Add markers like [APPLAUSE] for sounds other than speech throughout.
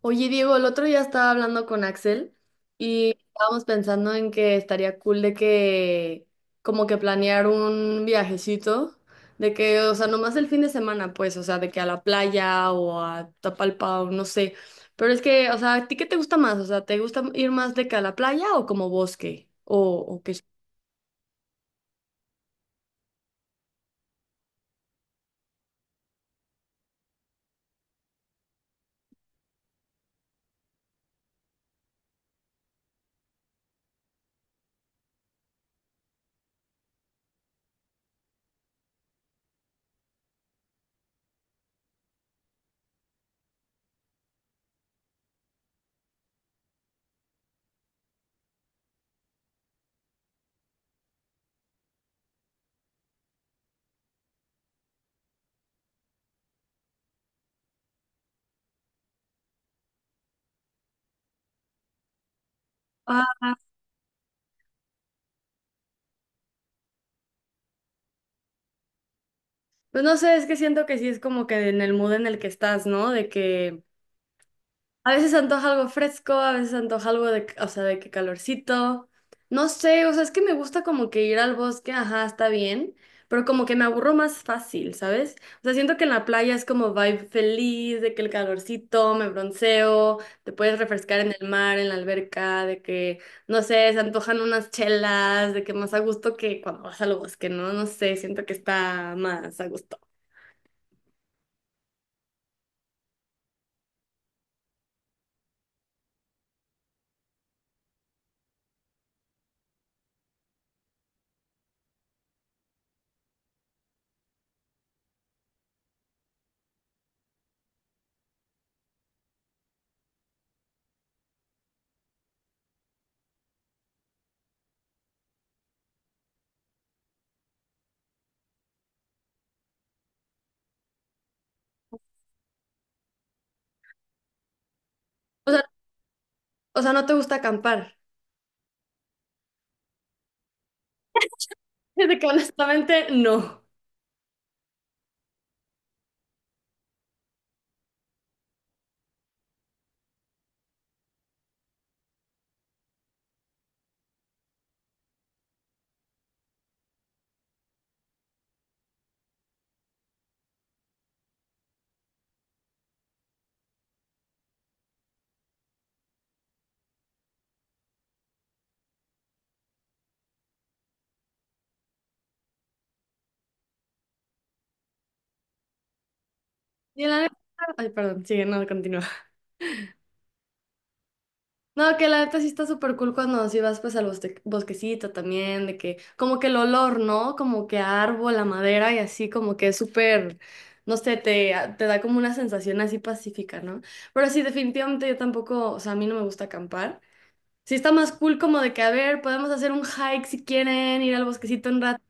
Oye, Diego, el otro día estaba hablando con Axel y estábamos pensando en que estaría cool de que como que planear un viajecito, de que, o sea, nomás el fin de semana, pues, o sea, de que a la playa o a Tapalpa o no sé. Pero es que, o sea, ¿a ti qué te gusta más? O sea, ¿te gusta ir más de que a la playa o como bosque? O que. Ah, pues no sé, es que siento que sí es como que en el mood en el que estás, ¿no? De que a veces antoja algo fresco, a veces antoja algo de, o sea, de que calorcito. No sé, o sea, es que me gusta como que ir al bosque, ajá, está bien, pero como que me aburro más fácil, ¿sabes? O sea, siento que en la playa es como vibe feliz, de que el calorcito, me bronceo, te puedes refrescar en el mar, en la alberca, de que, no sé, se antojan unas chelas, de que más a gusto que cuando vas al bosque, ¿no? No sé, siento que está más a gusto. O sea, o sea, ¿no te gusta acampar? [LAUGHS] De que honestamente, no. Y la neta, ay, perdón, sigue, no, continúa. [LAUGHS] No, que la neta sí está súper cool cuando sí vas pues al bosquecito también, de que como que el olor, ¿no? Como que a árbol, a madera y así como que es súper, no sé, te da como una sensación así pacífica, ¿no? Pero sí, definitivamente yo tampoco, o sea, a mí no me gusta acampar. Sí, está más cool como de que, a ver, podemos hacer un hike si quieren, ir al bosquecito un rato,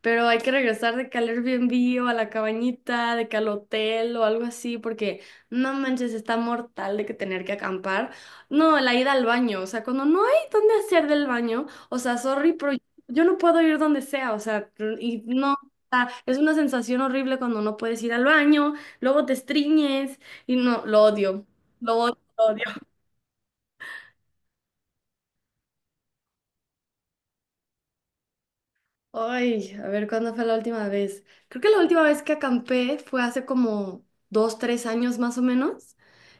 pero hay que regresar de que al Airbnb o a la cabañita, de que al hotel o algo así, porque no manches, está mortal de que tener que acampar. No, la ida al baño, o sea, cuando no hay dónde hacer del baño, o sea, sorry, pero yo no puedo ir donde sea, o sea, y no, o sea, es una sensación horrible cuando no puedes ir al baño, luego te estriñes y no, lo odio, lo odio. Ay, a ver, ¿cuándo fue la última vez? Creo que la última vez que acampé fue hace como 2, 3 años más o menos,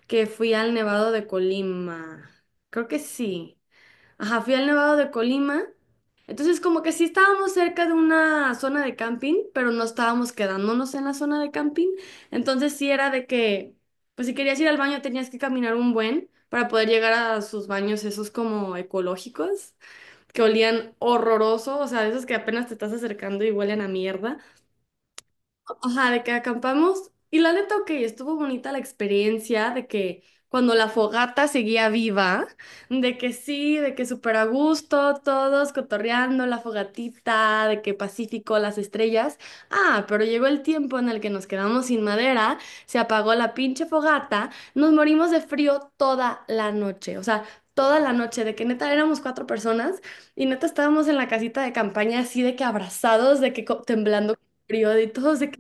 que fui al Nevado de Colima. Creo que sí. Ajá, fui al Nevado de Colima. Entonces, como que sí estábamos cerca de una zona de camping, pero no estábamos quedándonos en la zona de camping. Entonces, sí era de que, pues si querías ir al baño tenías que caminar un buen para poder llegar a sus baños esos como ecológicos que olían horroroso, o sea, de esos que apenas te estás acercando y huelen a mierda. Ajá, de que acampamos. Y la neta, ok, estuvo bonita la experiencia de que cuando la fogata seguía viva, de que sí, de que súper a gusto, todos cotorreando la fogatita, de que Pacífico, las estrellas. Ah, pero llegó el tiempo en el que nos quedamos sin madera, se apagó la pinche fogata, nos morimos de frío toda la noche. O sea, toda la noche, de que neta éramos cuatro personas y neta estábamos en la casita de campaña así de que abrazados, de que temblando frío, de todos de.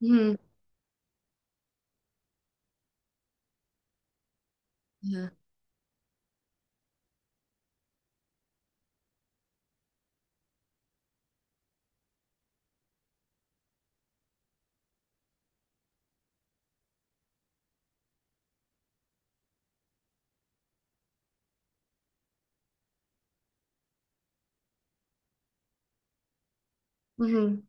Ujú, ajá, ujú.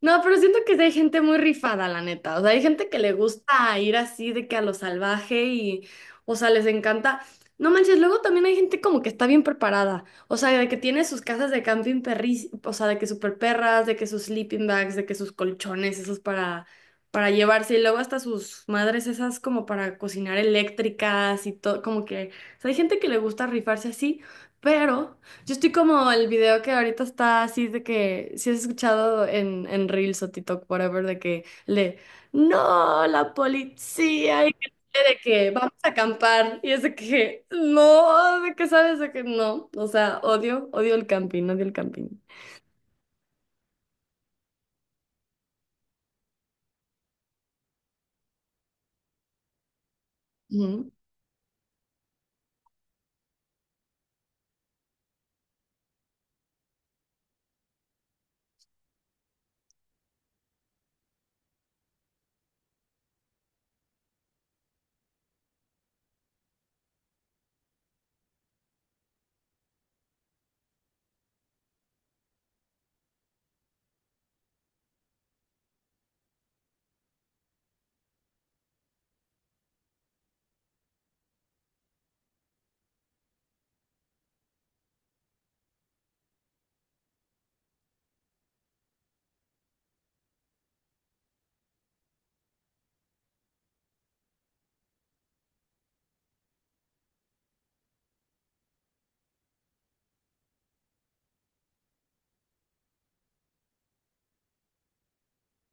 No, pero siento que sí hay gente muy rifada, la neta. O sea, hay gente que le gusta ir así de que a lo salvaje y, o sea, les encanta. No manches, luego también hay gente como que está bien preparada. O sea, de que tiene sus casas de camping perris, o sea, de que super perras, de que sus sleeping bags, de que sus colchones, esos para, llevarse. Y luego hasta sus madres esas como para cocinar eléctricas y todo, como que. O sea, hay gente que le gusta rifarse así, pero. Yo estoy como el video que ahorita está así de que si has escuchado en Reels o TikTok, whatever, de que le, no, la policía, y que, de que vamos a acampar, y es de que no, de que sabes de que no, o sea, odio, odio el camping, odio el camping. Ujú.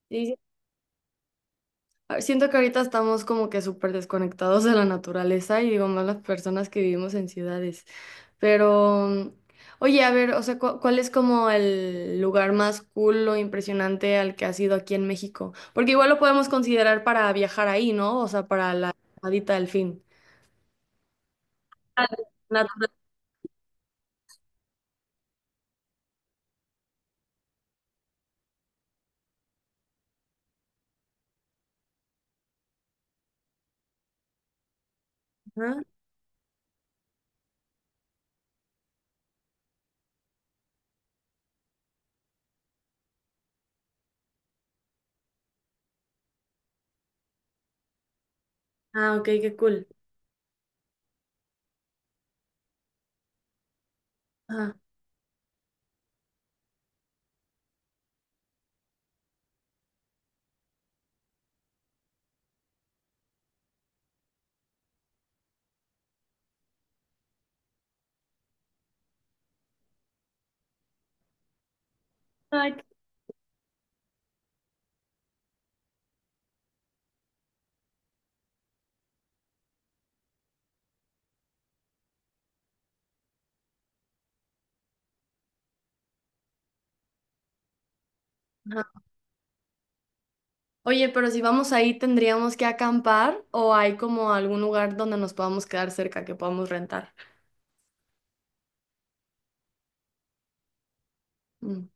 Sí, ah, siento que ahorita estamos como que súper desconectados de la naturaleza y digo más las personas que vivimos en ciudades. Pero, oye, a ver, o sea, ¿cuál es como el lugar más cool o impresionante al que has ido aquí en México? Porque igual lo podemos considerar para viajar ahí, ¿no? O sea, para la llamadita del fin. Ah, natural. Ajá. Ah, ok, qué cool. Ajá. Ay, qué. Ajá. Oye, pero si vamos ahí, ¿tendríamos que acampar o hay como algún lugar donde nos podamos quedar cerca que podamos rentar? Mm.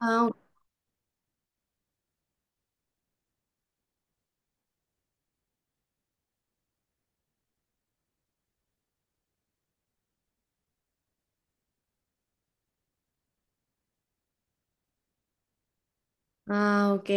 Ah, ah, ok.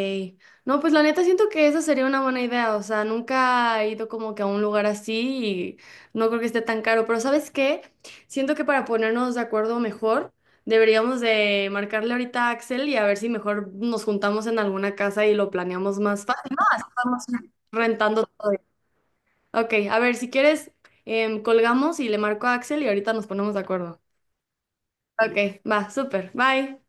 No, pues la neta siento que esa sería una buena idea. O sea, nunca he ido como que a un lugar así y no creo que esté tan caro. Pero ¿sabes qué? Siento que para ponernos de acuerdo mejor, deberíamos de marcarle ahorita a Axel y a ver si mejor nos juntamos en alguna casa y lo planeamos más fácil. Vamos rentando todo. Ok, a ver, si quieres, colgamos y le marco a Axel y ahorita nos ponemos de acuerdo. Ok, va, súper. Bye.